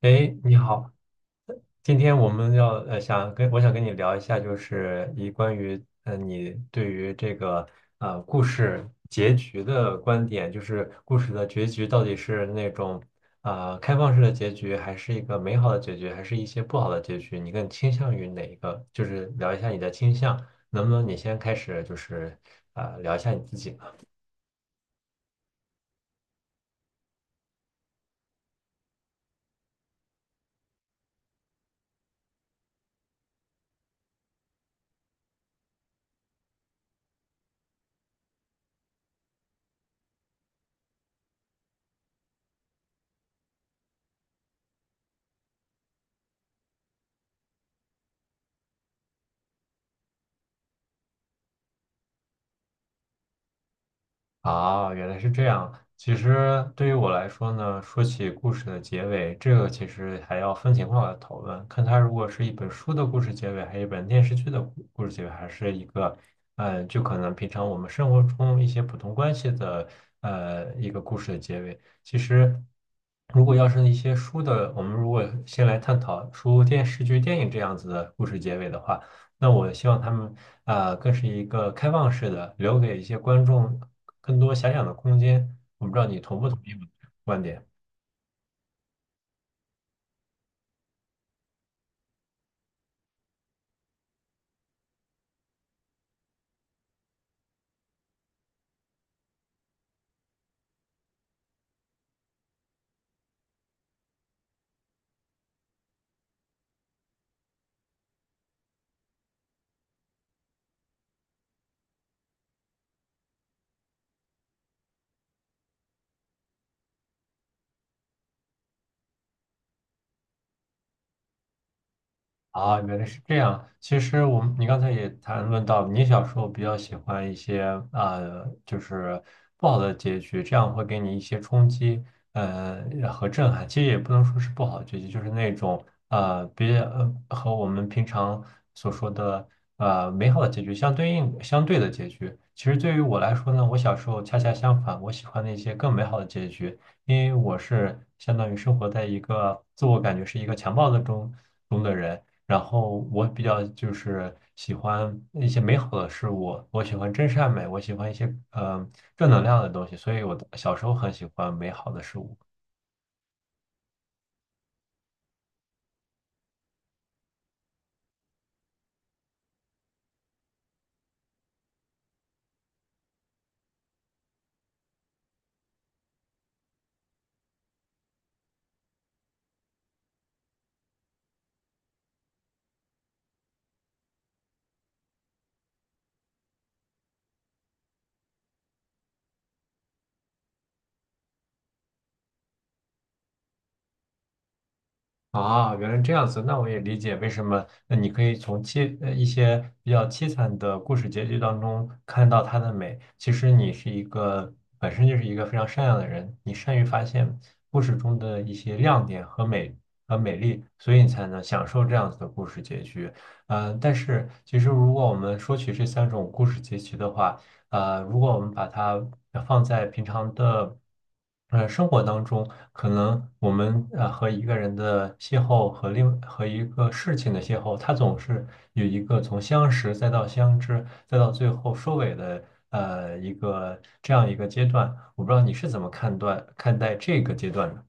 哎，你好，今天我们要呃想跟我想跟你聊一下，就是关于你对于这个故事结局的观点，就是故事的结局到底是那种开放式的结局，还是一个美好的结局，还是一些不好的结局？你更倾向于哪一个？就是聊一下你的倾向，能不能你先开始就是聊一下你自己呢？啊，原来是这样。其实对于我来说呢，说起故事的结尾，这个其实还要分情况来讨论，看它如果是一本书的故事结尾，还是一本电视剧的故事结尾，还是一个，嗯，就可能平常我们生活中一些普通关系的，呃，一个故事的结尾。其实，如果要是一些书的，我们如果先来探讨书、电视剧、电影这样子的故事结尾的话。那我希望他们更是一个开放式的，留给一些观众更多遐想的空间。我不知道你同不同意我的观点。啊，原来是这样。其实我们，你刚才也谈论到，你小时候比较喜欢一些就是不好的结局，这样会给你一些冲击，呃，和震撼。其实也不能说是不好的结局，就是那种呃，别呃和我们平常所说的美好的结局相对的结局。其实对于我来说呢，我小时候恰恰相反，我喜欢那些更美好的结局，因为我是相当于生活在一个自我感觉是一个强暴的中的人。然后我比较就是喜欢一些美好的事物，我喜欢真善美，我喜欢一些正能量的东西，所以我的小时候很喜欢美好的事物。啊，原来这样子，那我也理解为什么。那你可以从一些比较凄惨的故事结局当中看到它的美。其实你是一个本身就是一个非常善良的人，你善于发现故事中的一些亮点和美丽，所以你才能享受这样子的故事结局。嗯，但是其实如果我们说起这三种故事结局的话，呃，如果我们把它放在平常的生活当中。可能我们和一个人的邂逅和一个事情的邂逅，它总是有一个从相识再到相知，再到最后收尾的呃一个这样一个阶段。我不知道你是怎么看待这个阶段的。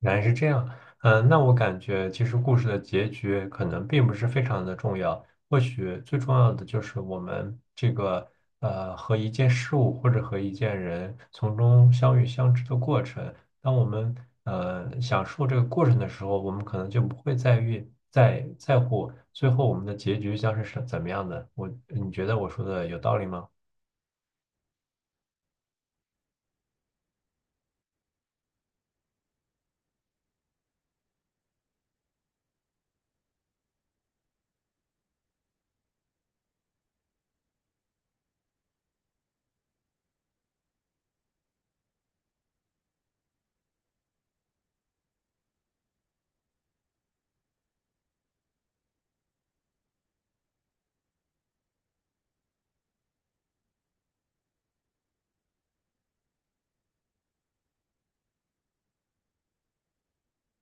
原来是这样，嗯，那我感觉其实故事的结局可能并不是非常的重要，或许最重要的就是我们这个和一件事物或者和一件人从中相遇相知的过程。当我们享受这个过程的时候，我们可能就不会在意在在乎最后我们的结局将是怎么样的。我，你觉得我说的有道理吗？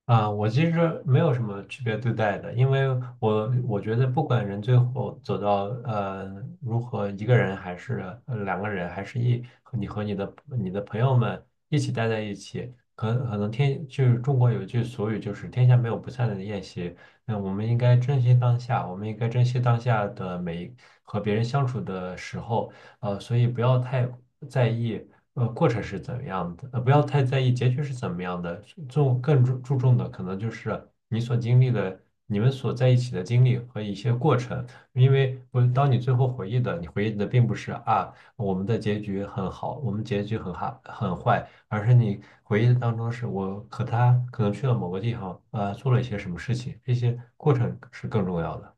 啊，我其实没有什么区别对待的，因为我觉得不管人最后走到如何一个人还是两个人，还是一和你和你的你的朋友们一起待在一起，可能就是中国有一句俗语，就是天下没有不散的宴席。那我们应该珍惜当下，我们应该珍惜当下的每一和别人相处的时候，呃，所以不要太在意。过程是怎么样的，不要太在意结局是怎么样的，更注重的可能就是你所经历的，你们所在一起的经历和一些过程，因为我当你最后回忆的，你回忆的并不是啊我们的结局很好，我们结局很坏，而是你回忆的当中是我和他可能去了某个地方，做了一些什么事情，这些过程是更重要的。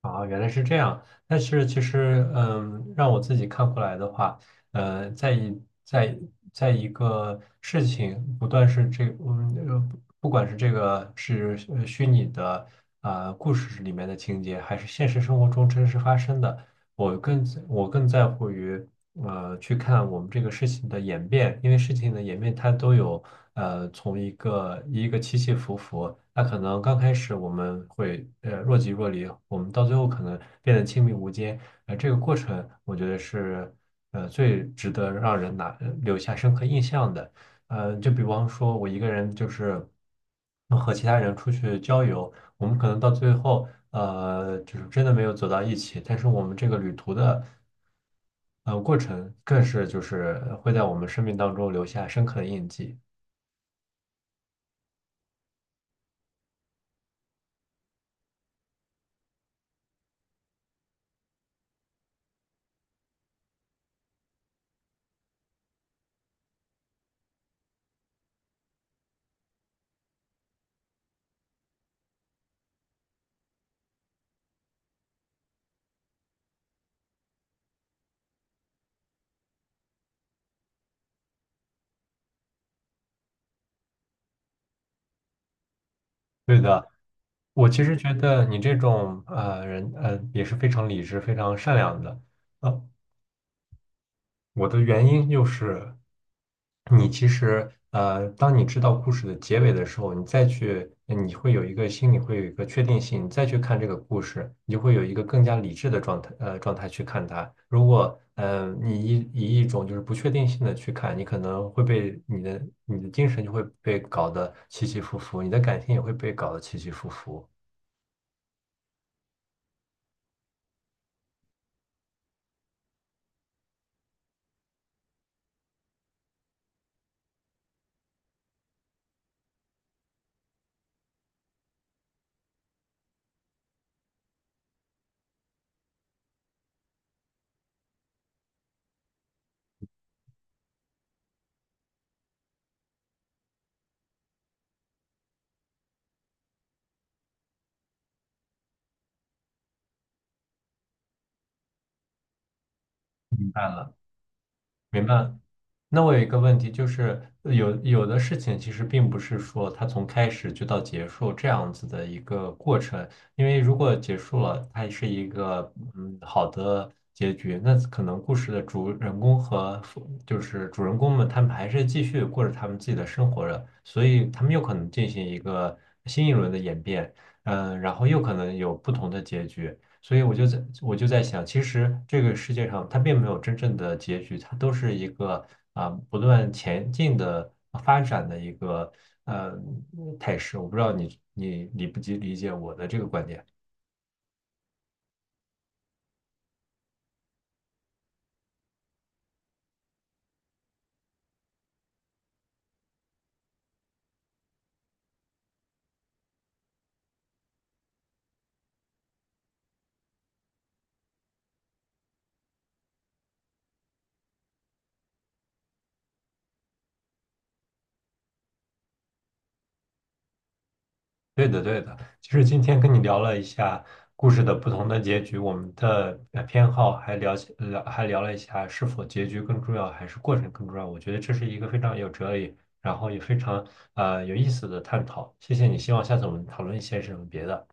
啊，原来是这样。但是其实，嗯，让我自己看过来的话，呃，在一个事情不断是这，嗯，不管是这个是虚拟的故事里面的情节，还是现实生活中真实发生的，我更在乎于去看我们这个事情的演变，因为事情的演变它都有从一个起起伏伏，那可能刚开始我们会若即若离，我们到最后可能变得亲密无间，这个过程我觉得是最值得让人留下深刻印象的，就比方说我一个人就是和其他人出去郊游。我们可能到最后，呃，就是真的没有走到一起，但是我们这个旅途的，呃，过程更是就是会在我们生命当中留下深刻的印记。对的，我其实觉得你这种人，呃，也是非常理智、非常善良的。呃我的原因就是，你其实，当你知道故事的结尾的时候，你再去，你会有一个心里会有一个确定性，你再去看这个故事，你就会有一个更加理智的状态，呃，状态去看它。如果，你以一种就是不确定性的去看，你可能会被你的精神就会被搞得起起伏伏，你的感情也会被搞得起起伏伏。明白。那我有一个问题，就是有的事情其实并不是说它从开始就到结束这样子的一个过程，因为如果结束了，它是一个嗯好的结局，那可能故事的主人公和副就是主人公们他们还是继续过着他们自己的生活着，所以他们又可能进行一个新一轮的演变，嗯，然后又可能有不同的结局。所以我就在想，其实这个世界上它并没有真正的结局，它都是一个不断前进的发展的一个呃态势。我不知道你理不理解我的这个观点。对的，对的，其实今天跟你聊了一下故事的不同的结局，我们的偏好，还聊了一下是否结局更重要，还是过程更重要。我觉得这是一个非常有哲理，然后也非常有意思的探讨。谢谢你，希望下次我们讨论一些什么别的。